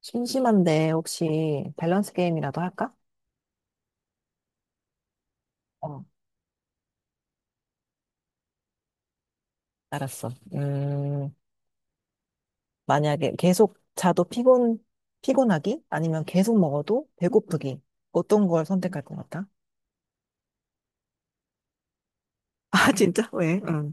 심심한데 혹시 밸런스 게임이라도 할까? 어, 알았어. 만약에 계속 자도 피곤하기? 아니면 계속 먹어도 배고프기? 어떤 걸 선택할 것 같아? 아, 진짜? 왜? 응.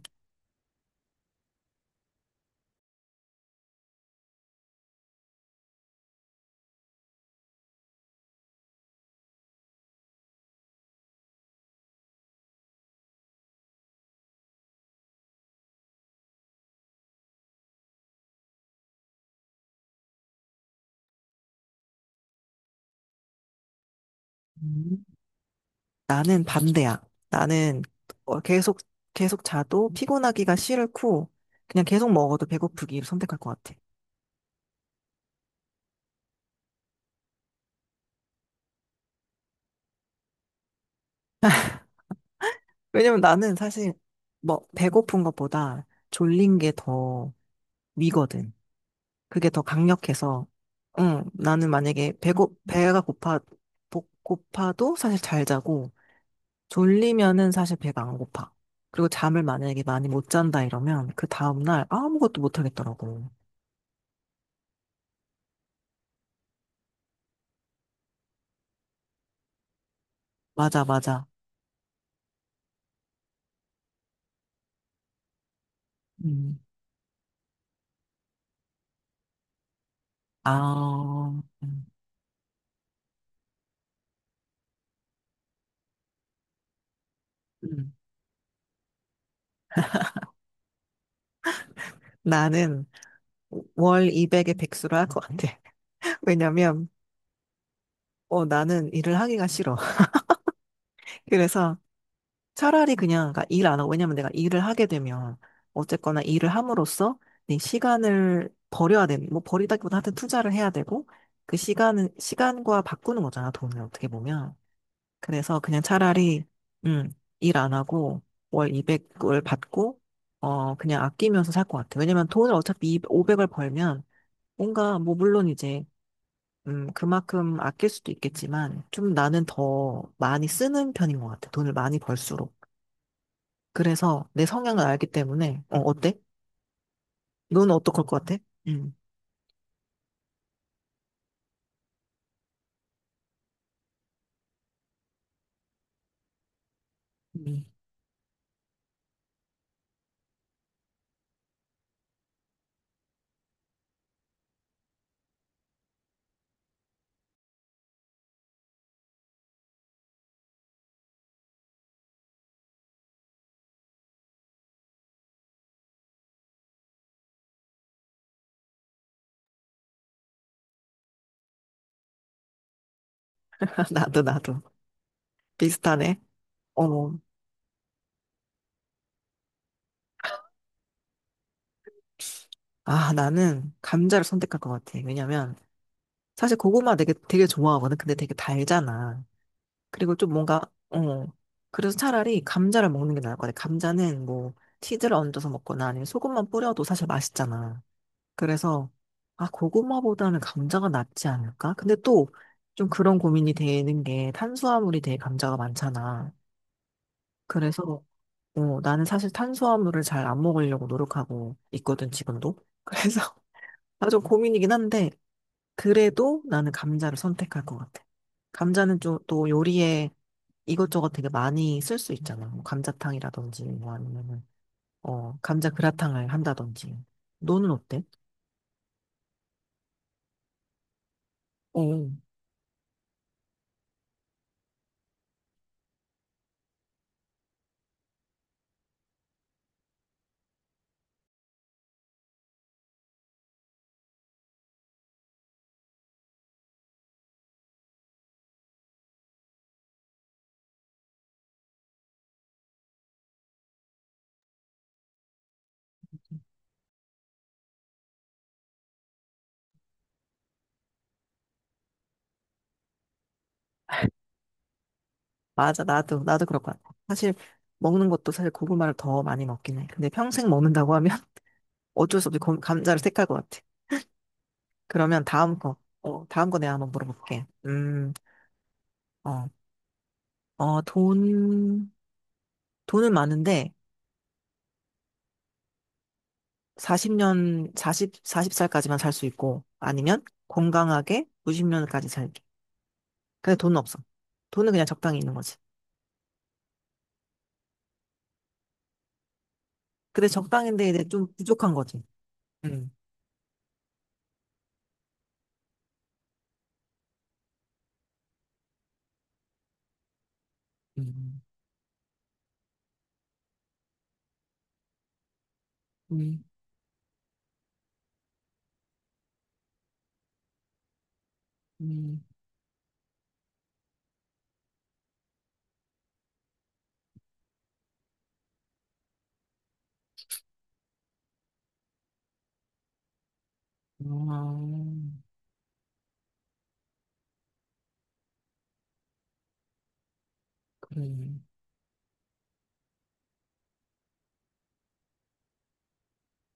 음. 나는 반대야. 나는 어, 계속, 계속 자도 피곤하기가 싫고, 그냥 계속 먹어도 배고프기를 선택할 것 같아. 왜냐면 나는 사실, 뭐, 배고픈 것보다 졸린 게 더 위거든. 그게 더 강력해서, 응, 나는 만약에 배가 고파도 사실 잘 자고, 졸리면은 사실 배가 안 고파. 그리고 잠을 만약에 많이 못 잔다 이러면, 그 다음날 아무것도 못 하겠더라고. 맞아, 맞아. 음. 아, 음. 나는 월 200의 백수를 할 것 같아. 왜냐면, 나는 일을 하기가 싫어. 그래서, 차라리 그냥 그러니까 일 안 하고, 왜냐면 내가 일을 하게 되면 어쨌거나 일을 함으로써 내 시간을 버려야 되는, 뭐 버리다기보다 하여튼 투자를 해야 되고, 그 시간은 시간과 바꾸는 거잖아, 돈을, 어떻게 보면. 그래서 그냥 차라리 음일 안 하고 월 200을 받고, 그냥 아끼면서 살 것 같아. 왜냐면 돈을 어차피 500을 벌면, 뭔가 뭐 물론 이제 그만큼 아낄 수도 있겠지만, 좀 나는 더 많이 쓰는 편인 것 같아, 돈을 많이 벌수록. 그래서 내 성향을 알기 때문에. 어때? 너는 어떡할 것 같아? 음. 음. 나도, 나도. 비슷하네. 어, 나는 감자를 선택할 것 같아. 왜냐면, 사실 고구마 되게, 되게 좋아하거든. 근데 되게 달잖아. 그리고 좀 뭔가, 어, 그래서 차라리 감자를 먹는 게 나을 것 같아. 감자는 뭐, 치즈를 얹어서 먹거나 아니면 소금만 뿌려도 사실 맛있잖아. 그래서, 아, 고구마보다는 감자가 낫지 않을까? 근데 또, 좀 그런 고민이 되는 게 탄수화물이 되게 감자가 많잖아. 그래서 나는 사실 탄수화물을 잘 안 먹으려고 노력하고 있거든, 지금도. 그래서 아, 좀 고민이긴 한데, 그래도 나는 감자를 선택할 것 같아. 감자는 좀, 또 요리에 이것저것 되게 많이 쓸 수 있잖아. 뭐 감자탕이라든지, 뭐 아니면은, 감자 그라탕을 한다든지. 너는 어때? 어, 맞아. 나도, 나도 그럴 것 같아. 사실, 먹는 것도 사실 고구마를 더 많이 먹긴 해. 근데 평생 먹는다고 하면 어쩔 수 없이 감자를 택할 것 같아. 그러면 다음 거, 다음 거 내가 한번 물어볼게. 어, 어, 돈, 돈은 많은데, 40년, 40, 40살까지만 살 수 있고, 아니면 건강하게 90년까지 살게, 근데 돈은 없어. 돈은 그냥 적당히 있는 거지. 근데 적당인데 이제 좀 부족한 거지. 음, 음, 음, 음. 음. 아, 그래.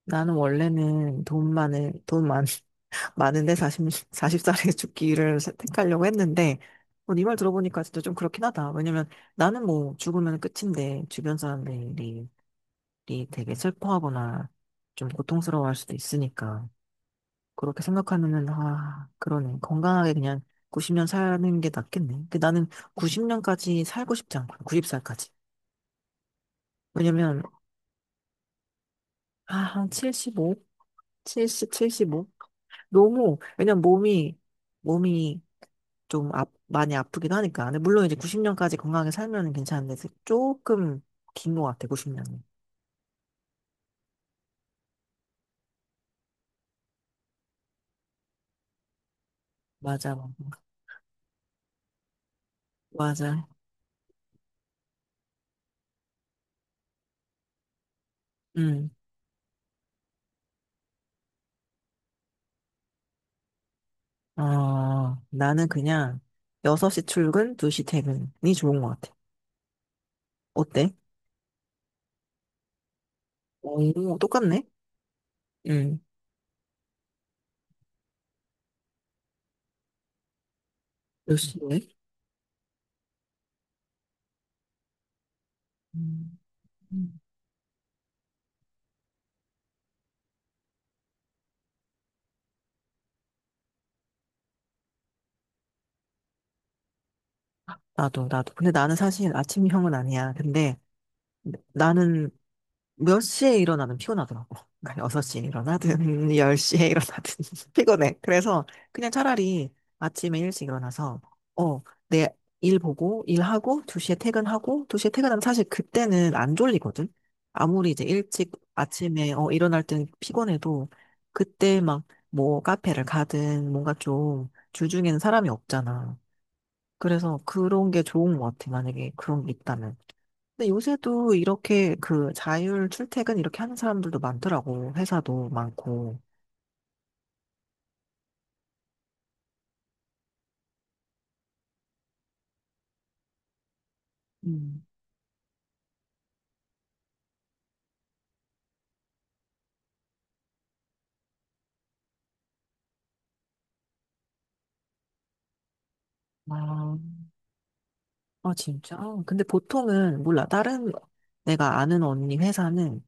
나는 원래는 돈만을돈만 많은데 40, 40살에 죽기를 선택하려고 했는데, 네말 들어보니까 진짜 좀 그렇긴 하다. 왜냐면 나는 뭐 죽으면 끝인데, 주변 사람들이 되게 슬퍼하거나 좀 고통스러워할 수도 있으니까. 그렇게 생각하면은, 아, 그러네. 건강하게 그냥 90년 사는 게 낫겠네. 근데 나는 90년까지 살고 싶지 않고, 90살까지. 왜냐면, 아, 한 75? 70, 75? 너무, 왜냐면 몸이 좀 많이 아프기도 하니까. 근데 물론 이제 90년까지 건강하게 살면 괜찮은데 조금 긴 것 같아, 90년이. 맞아, 맞아. 응. 나는 그냥 6시 출근, 2시 퇴근이 좋은 것 같아. 어때? 오, 똑같네? 응. 몇 시에? 음. 나도, 나도. 근데 나는 사실 아침형은 아니야. 근데 나는 몇 시에 일어나든 피곤하더라고. 그러니까 6시에 일어나든 10시에 일어나든 피곤해. 그래서 그냥 차라리 아침에 일찍 일어나서 어, 내 일 보고 일하고 2시에 퇴근하고, 2시에 퇴근하면 사실 그때는 안 졸리거든. 아무리 이제 일찍 아침에 일어날 땐 피곤해도 그때 막 뭐 카페를 가든, 뭔가 좀 주중에는 사람이 없잖아. 그래서 그런 게 좋은 것 같아. 만약에 그런 게 있다면. 근데 요새도 이렇게 그 자율 출퇴근 이렇게 하는 사람들도 많더라고. 회사도 많고. 음. 아, 아, 진짜? 근데 보통은, 몰라. 다른 내가 아는 언니 회사는,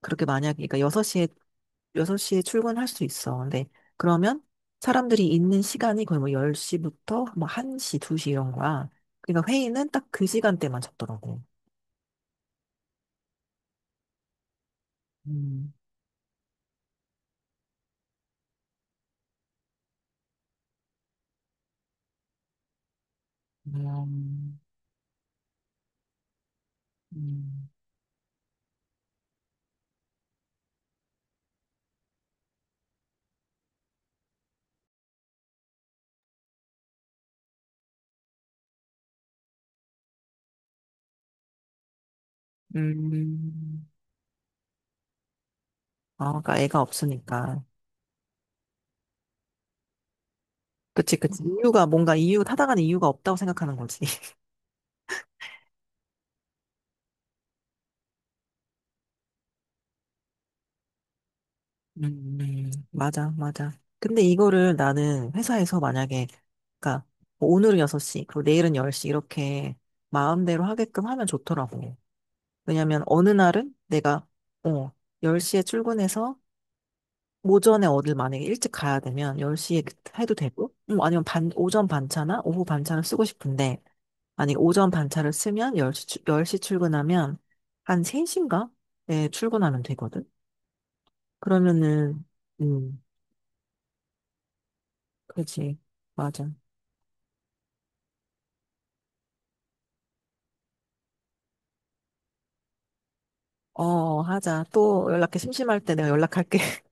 그렇게 만약에, 그러니까 6시에, 여섯 시에 출근할 수 있어. 근데 그러면 사람들이 있는 시간이 거의 뭐 10시부터 뭐 1시, 2시 이런 거야. 그러니까 회의는 딱 그 시간대만 잡더라고. 음, 음, 음. 음. 음. 아, 그러니까 애가 없으니까. 그치, 그치. 이유가 뭔가 이유, 타당하는 이유가 없다고 생각하는 거지. 맞아, 맞아. 근데 이거를 나는 회사에서 만약에, 그니까, 오늘은 6시, 그리고 내일은 10시, 이렇게 마음대로 하게끔 하면 좋더라고. 왜냐면 어느 날은 내가, 어, 10시에 출근해서 오전에 어딜 만약에 일찍 가야 되면 10시에 해도 되고, 아니면 오전 반차나 오후 반차를 쓰고 싶은데, 만약에 오전 반차를 쓰면 10시, 시 출근하면 한 3시인가? 에 출근하면 되거든. 그러면은, 음, 그렇지. 맞아. 하자. 또 연락해. 심심할 때 내가 연락할게.